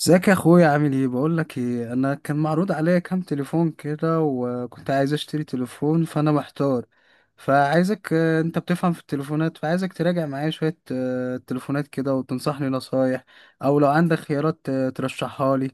ازيك يا اخويا؟ عامل ايه؟ بقول لك ايه، انا كان معروض عليا كام تليفون كده وكنت عايز اشتري تليفون فانا محتار. فعايزك، انت بتفهم في التليفونات، فعايزك تراجع معايا شوية تليفونات كده وتنصحني نصايح، او لو عندك خيارات ترشحها لي.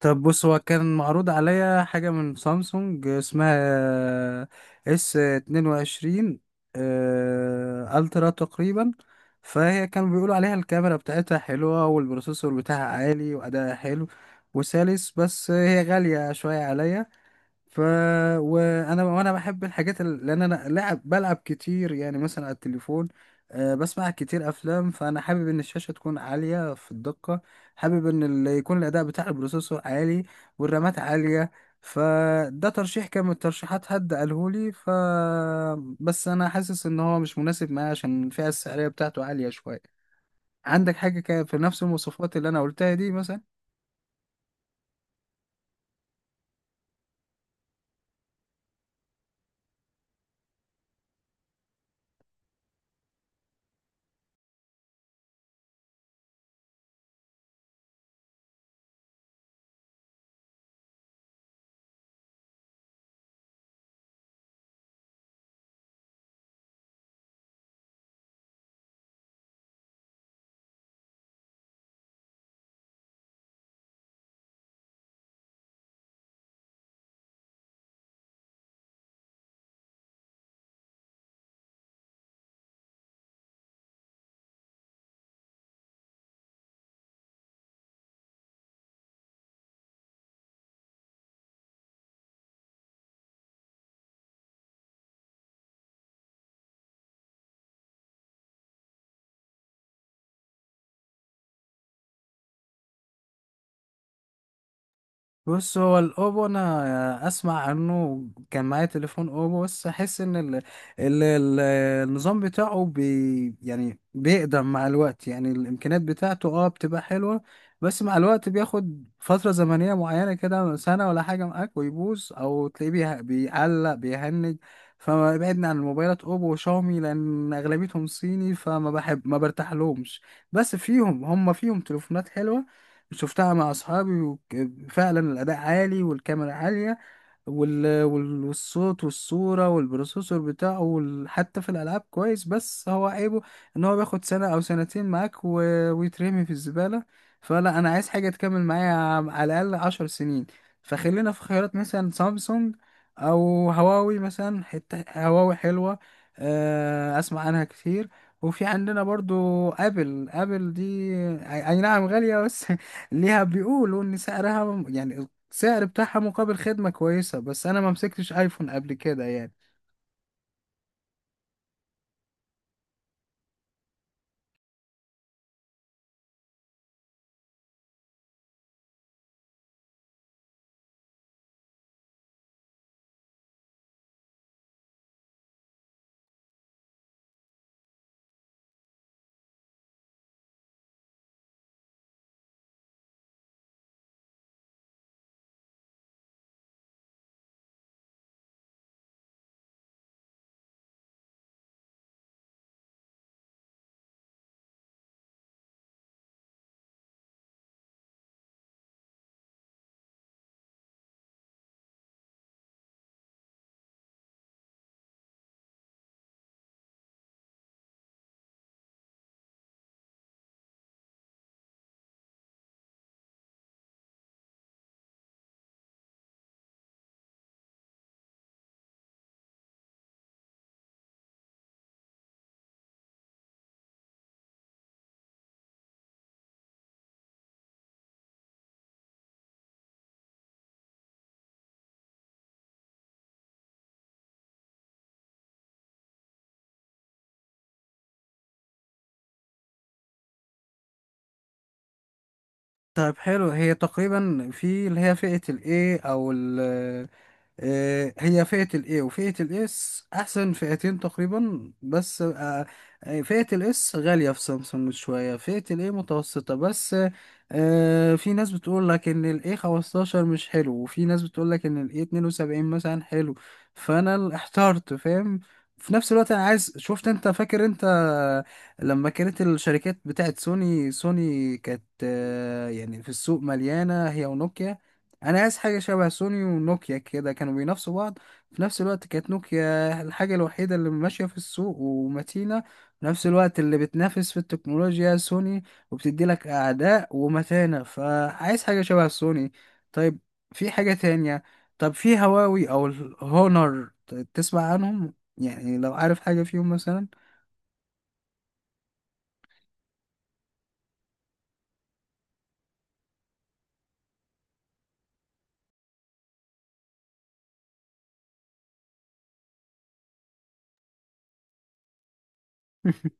طب بص، هو كان معروض عليا حاجة من سامسونج اسمها اس اتنين وعشرين الترا تقريبا. فهي كانوا بيقولوا عليها الكاميرا بتاعتها حلوة والبروسيسور بتاعها عالي وأداءها حلو وسلس، بس هي غالية شوية عليا. ف وانا بحب الحاجات لان انا لعب بلعب كتير يعني مثلا على التليفون، بسمع كتير افلام، فانا حابب ان الشاشه تكون عاليه في الدقه. حابب ان يكون الاداء بتاع البروسيسور عالي والرامات عاليه. فده ترشيح كان من الترشيحات، حد قالهولي. ف، بس انا حاسس ان هو مش مناسب معايا عشان الفئه السعريه بتاعته عاليه شويه. عندك حاجه في نفس المواصفات اللي انا قلتها دي مثلا؟ بص، هو الاوبو انا اسمع عنه، كان معايا تليفون اوبو، بس احس ان ال... ال... النظام بتاعه يعني بيقدم مع الوقت، يعني الامكانيات بتاعته اه بتبقى حلوة، بس مع الوقت بياخد فترة زمنية معينة كده سنة ولا حاجة معاك ويبوظ، او تلاقيه بيعلق بيهنج. فما بعدنا عن الموبايلات اوبو وشاومي لان اغلبيتهم صيني، فما بحب ما برتاح لهمش. بس فيهم، هم فيهم تليفونات حلوة، شفتها مع اصحابي وفعلا الاداء عالي والكاميرا عالية والصوت والصورة والبروسيسور بتاعه حتى في الألعاب كويس، بس هو عيبه إن هو بياخد سنة أو سنتين معاك ويترمي في الزبالة. فلا، أنا عايز حاجة تكمل معايا على الأقل عشر سنين. فخلينا في خيارات مثلا سامسونج أو هواوي مثلا، حتة هواوي حلوة، أسمع عنها كتير. وفي عندنا برضو ابل، ابل دي اي أي نعم غالية بس ليها بيقولوا ان سعرها، يعني سعر بتاعها مقابل خدمة كويسة، بس أنا ما مسكتش أيفون قبل كده يعني. طيب حلو، هي تقريبا في اللي هي فئة ال A أو، هي فئة الاي وفئة الاس احسن فئتين تقريبا، بس آه، فئة الاس غالية في سامسونج شوية، فئة الاي متوسطة بس آه، في ناس بتقول لك ان الاي 15 مش حلو، وفي ناس بتقول لك ان الاي 72 مثلا حلو. فانا احترت فاهم. في نفس الوقت انا عايز، شفت انت فاكر انت لما كانت الشركات بتاعت سوني؟ سوني كانت يعني في السوق مليانة هي ونوكيا. انا عايز حاجه شبه سوني ونوكيا كده، كانوا بينافسوا بعض. في نفس الوقت كانت نوكيا الحاجه الوحيده اللي ماشيه في السوق ومتينه، في نفس الوقت اللي بتنافس في التكنولوجيا سوني وبتدي لك اعداء ومتانه، فعايز حاجه شبه سوني. طيب، في حاجه تانية؟ طب في هواوي او الهونر، تسمع عنهم يعني؟ لو عارف حاجه فيهم مثلا.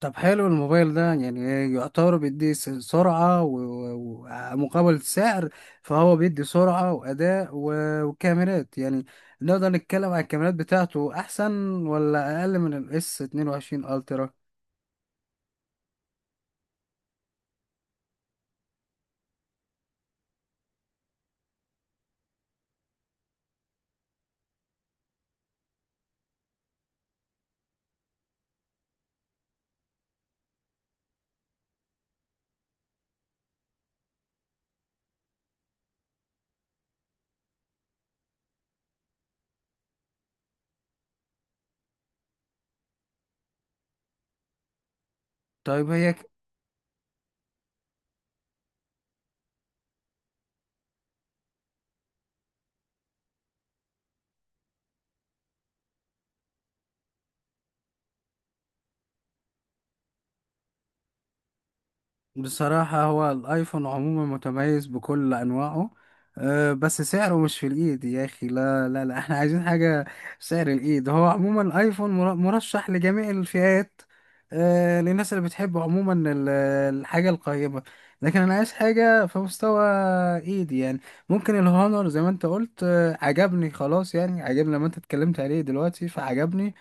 طب حلو، الموبايل ده يعني يعتبر بيدي سرعة و- ومقابل السعر؟ فهو بيدي سرعة وأداء وكاميرات يعني، نقدر نتكلم على الكاميرات بتاعته أحسن ولا أقل من الاس 22 ألترا؟ طيب هي، بصراحة هو الآيفون عموما متميز بكل أنواعه، أه، بس سعره مش في الإيد يا أخي. لا لا لا، احنا عايزين حاجة سعر الإيد. هو عموما الآيفون مرشح لجميع الفئات، أه، للناس اللي بتحب عموما الحاجة القيمة. لكن أنا عايز حاجة في مستوى إيدي يعني. ممكن الهونر زي ما أنت قلت، أه، عجبني خلاص يعني، عجبني لما أنت اتكلمت عليه دلوقتي فعجبني.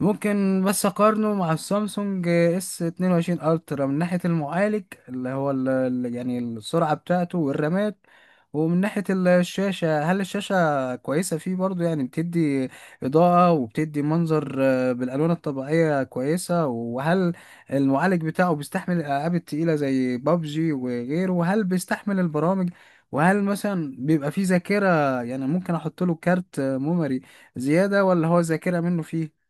ممكن بس اقارنه مع السامسونج اس 22 الترا من ناحيه المعالج اللي هو يعني السرعه بتاعته والرامات، ومن ناحيه الشاشه، هل الشاشه كويسه فيه برضو، يعني بتدي اضاءه وبتدي منظر بالالوان الطبيعيه كويسه؟ وهل المعالج بتاعه بيستحمل الالعاب التقيله زي بابجي وغيره؟ وهل بيستحمل البرامج؟ وهل مثلا بيبقى فيه ذاكره يعني ممكن احط له كارت ميموري زياده، ولا هو ذاكره منه فيه؟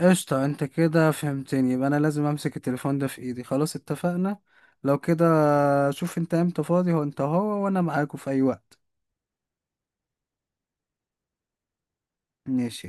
قشطة، انت كده فهمتني. يبقى انا لازم امسك التليفون ده في ايدي خلاص، اتفقنا لو كده. شوف انت امتى فاضي هو، انت هو وانا معاكوا في اي وقت. ماشي.